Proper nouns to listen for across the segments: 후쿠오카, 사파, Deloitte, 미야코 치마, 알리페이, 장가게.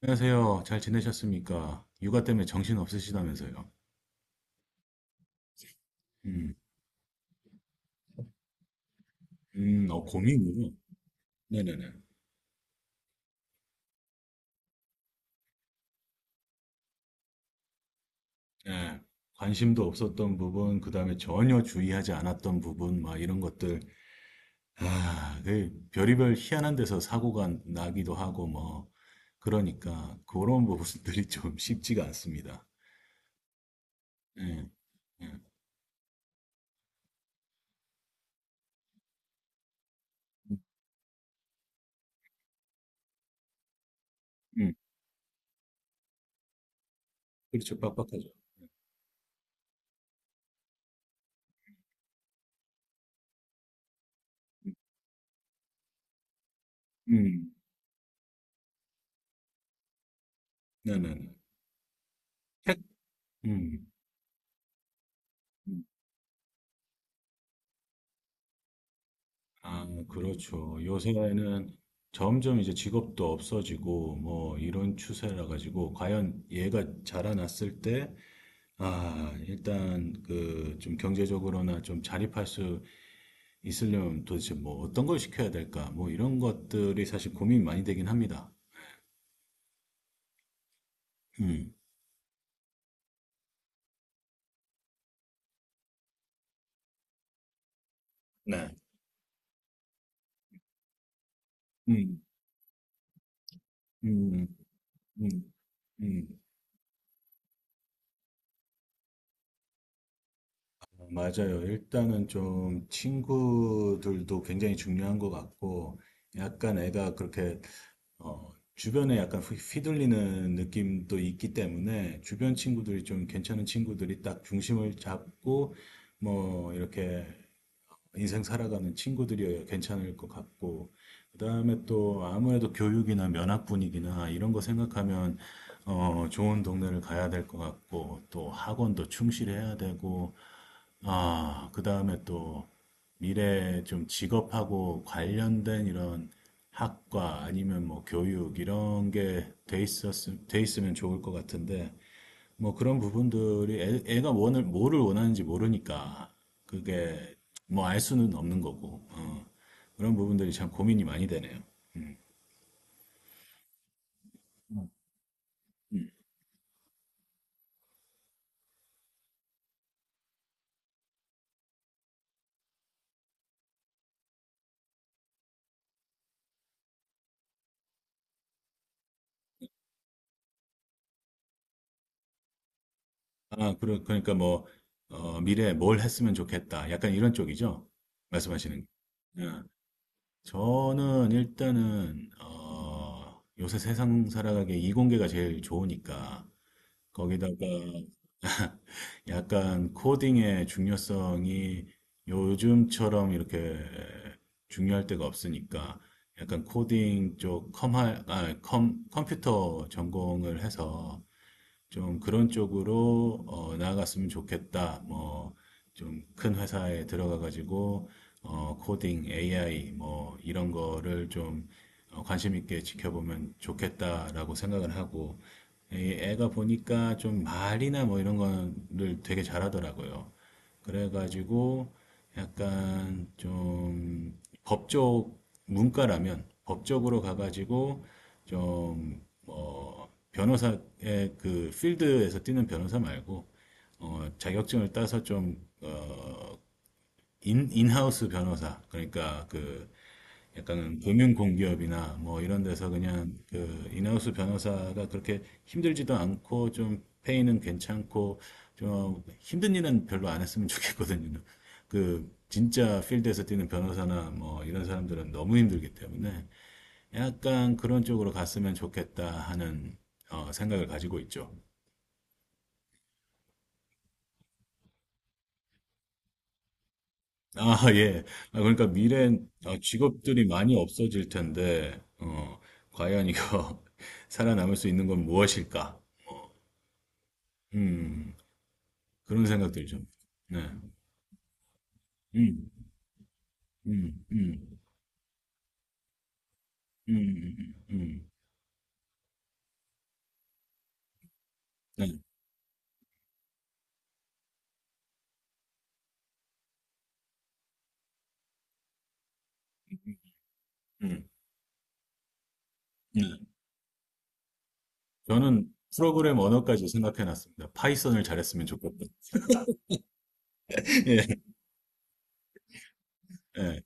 안녕하세요. 잘 지내셨습니까? 육아 때문에 정신 없으시다면서요. 음, 고민이요. 네네네. 예, 관심도 없었던 부분, 그다음에 전혀 주의하지 않았던 부분, 막 이런 것들. 아, 그 별의별 희한한 데서 사고가 나기도 하고, 뭐. 그러니까, 그런 부분들이 좀 쉽지가 않습니다. 예, 예. 음, 그렇죠. 빡빡하죠. 음, 네네네. 책? 음. 음. 아, 뭐 그렇죠. 요새는 점점 이제 직업도 없어지고 뭐 이런 추세라 가지고 과연 얘가 자라났을 때 일단 그 좀 경제적으로나 좀 자립할 수 있으려면 도대체 뭐 어떤 걸 시켜야 될까? 뭐 이런 것들이 사실 고민이 많이 되긴 합니다. 음. 네. 음. 음. 음. 음. 맞아요. 일단은 좀 친구들도 굉장히 중요한 것 같고 약간 애가 그렇게 주변에 약간 휘둘리는 느낌도 있기 때문에 주변 친구들이 좀 괜찮은 친구들이 딱 중심을 잡고 뭐 이렇게 인생 살아가는 친구들이어야 괜찮을 것 같고, 그다음에 또 아무래도 교육이나 면학 분위기나 이런 거 생각하면 좋은 동네를 가야 될 것 같고, 또 학원도 충실해야 되고, 그 다음에 또 미래 좀 직업하고 관련된 이런 학과 아니면 뭐 교육 이런 게 돼 있으면 좋을 것 같은데, 뭐 그런 부분들이 애가 뭐를 원하는지 모르니까 그게 뭐 알 수는 없는 거고, 그런 부분들이 참 고민이 많이 되네요. 음. 음. 그러니까 뭐, 미래에 뭘 했으면 좋겠다. 약간 이런 쪽이죠? 말씀하시는 게. 아. 저는 일단은 요새 세상 살아가기에 이공계가 제일 좋으니까 거기다가 약간 코딩의 중요성이 요즘처럼 이렇게 중요할 때가 없으니까 약간 코딩 쪽 컴할 아, 컴 컴퓨터 전공을 해서 좀 그런 쪽으로 나아갔으면 좋겠다. 뭐 좀 큰 회사에 들어가 가지고 어, 코딩, AI 뭐 이런 거를 좀 관심 있게 지켜보면 좋겠다라고 생각을 하고, 이 애가 보니까 좀 말이나 뭐 이런 거를 되게 잘하더라고요. 그래가지고 약간 좀 법적 문과라면 법적으로 가가지고 좀, 뭐 변호사의 그 필드에서 뛰는 변호사 말고, 자격증을 따서 좀, 인하우스 변호사. 그러니까 그, 약간 금융공기업이나 뭐 이런 데서 그냥 그 인하우스 변호사가 그렇게 힘들지도 않고 좀 페이는 괜찮고, 좀 힘든 일은 별로 안 했으면 좋겠거든요. 그 진짜 필드에서 뛰는 변호사나 뭐 이런 사람들은 너무 힘들기 때문에 약간 그런 쪽으로 갔으면 좋겠다 하는 생각을 가지고 있죠. 아, 예. 아, 그러니까 미래엔 직업들이 많이 없어질 텐데, 과연 이거 살아남을 수 있는 건 무엇일까? 음, 그런 생각들이 좀. 네. 음, 음, 음, 음, 음, 음. 음, 음. 네, 음, 네. 저는 프로그램 언어까지 생각해 놨습니다. 파이썬을 잘했으면 좋겠다. 예, 예.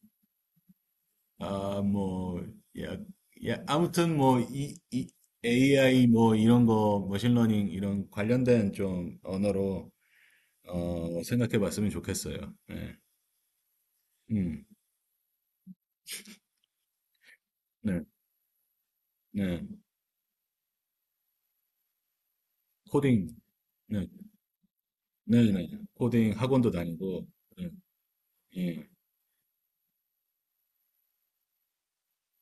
아, 뭐, 야, 아무튼 뭐, 이 AI 뭐 이런 거, 머신러닝 이런 관련된 좀 언어로 생각해 봤으면 좋겠어요. 네. 음, 네, 네. 코딩, 네, 네, 네. 코딩 학원도 다니고, 네, 예.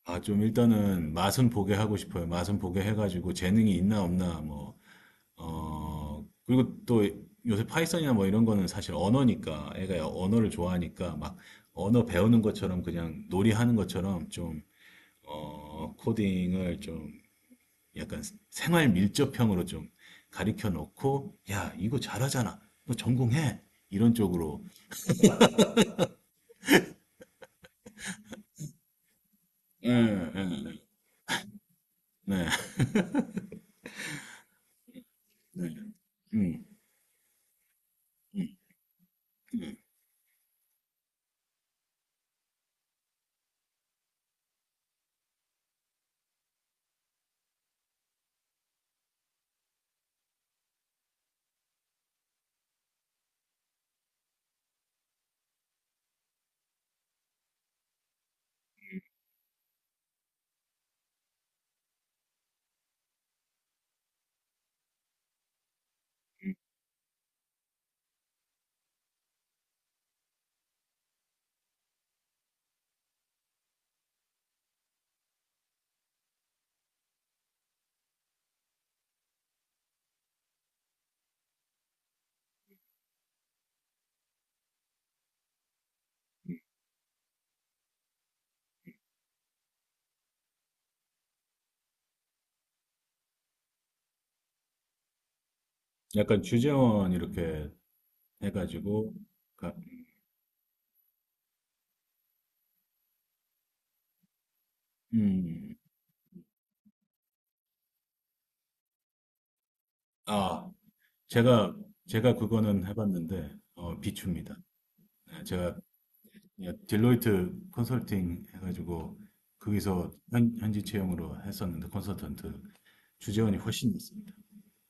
아, 좀 일단은 맛은 보게 하고 싶어요. 맛은 보게 해가지고 재능이 있나 없나 뭐 그리고 또 요새 파이썬이나 뭐 이런 거는 사실 언어니까, 애가 언어를 좋아하니까 막 언어 배우는 것처럼 그냥 놀이하는 것처럼 좀, 코딩을 좀 약간 생활 밀접형으로 좀 가르쳐 놓고, 야, 이거 잘하잖아. 너 전공해. 이런 쪽으로. 예, 예, 예. 네. 네. 음, 약간 주재원 이렇게 해가지고, 가- 음, 아, 제가, 제가 그거는 해봤는데, 어, 비춥니다. 제가 딜로이트 컨설팅 해가지고 거기서 현지 채용으로 했었는데 컨설턴트 주재원이 훨씬 있습니다.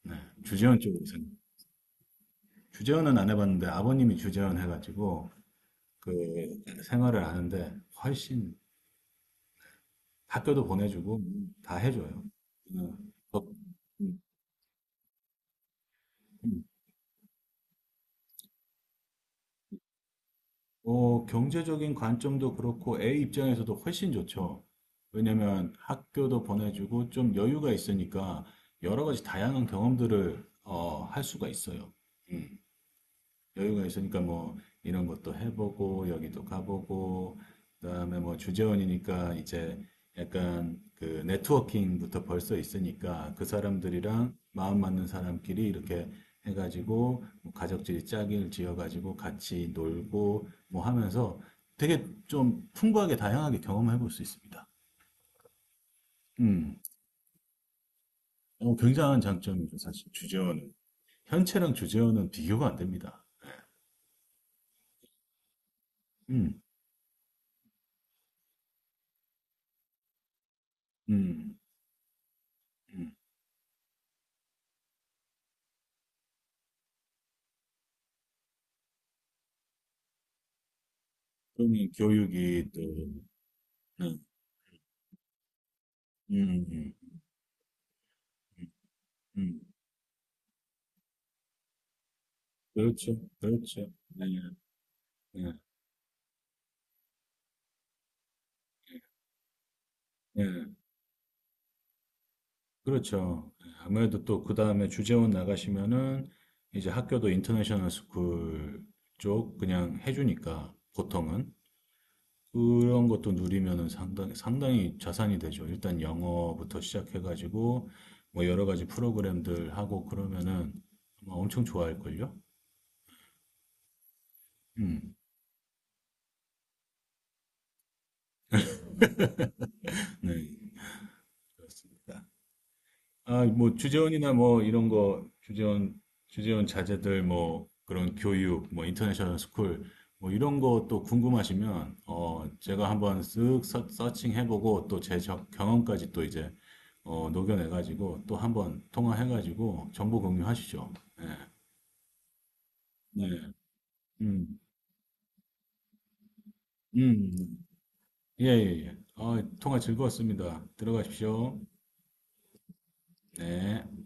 네, 주재원 쪽에서 주재원은 안 해봤는데 아버님이 주재원 해가지고 그 생활을 하는데 훨씬 학교도 보내주고 다 해줘요. 어, 더- 음, 음, 경제적인 관점도 그렇고 애 입장에서도 훨씬 좋죠. 왜냐면 학교도 보내주고 좀 여유가 있으니까 여러 가지 다양한 경험들을 할 수가 있어요. 음. 여유가 있으니까 뭐 이런 것도 해보고 여기도 가보고 그다음에 뭐 주재원이니까 이제 약간 그 네트워킹부터 벌써 있으니까 그 사람들이랑 마음 맞는 사람끼리 이렇게 해가지고 뭐 가족들이 짝을 지어가지고 같이 놀고 뭐 하면서 되게 좀 풍부하게 다양하게 경험해 볼 수 있습니다. 음, 어, 굉장한 장점이죠. 사실 주재원은 현채랑 주재원은 비교가 안 됩니다. 음, 음, 음. 그러면 교육이 또, 네. 음, 음, 음, 음. 그렇죠, 그렇죠. 네, 네, 네. 그렇죠. 네, 아무래도 또 그 다음에 주재원 나가시면은 이제 학교도 인터내셔널 스쿨 쪽 그냥 해주니까 보통은 그런 것도 누리면은 상당히 상당히 자산이 되죠. 일단 영어부터 시작해가지고 뭐 여러 가지 프로그램들 하고 그러면은 아마 엄청 좋아할걸요. 음, 네. 아, 뭐 주재원이나 뭐 이런 거 주재원 주재원 자제들 뭐 그런 교육 뭐 인터내셔널 스쿨 뭐 이런 거 또 궁금하시면 어 제가 한번 쓱 서칭해보고 또 제 경험까지 또 이제 어 녹여내가지고 또 한번 통화해가지고 정보 공유하시죠. 예. 네. 음. 음. 예, 예, 예. 아 통화 즐거웠습니다. 들어가십시오. 네.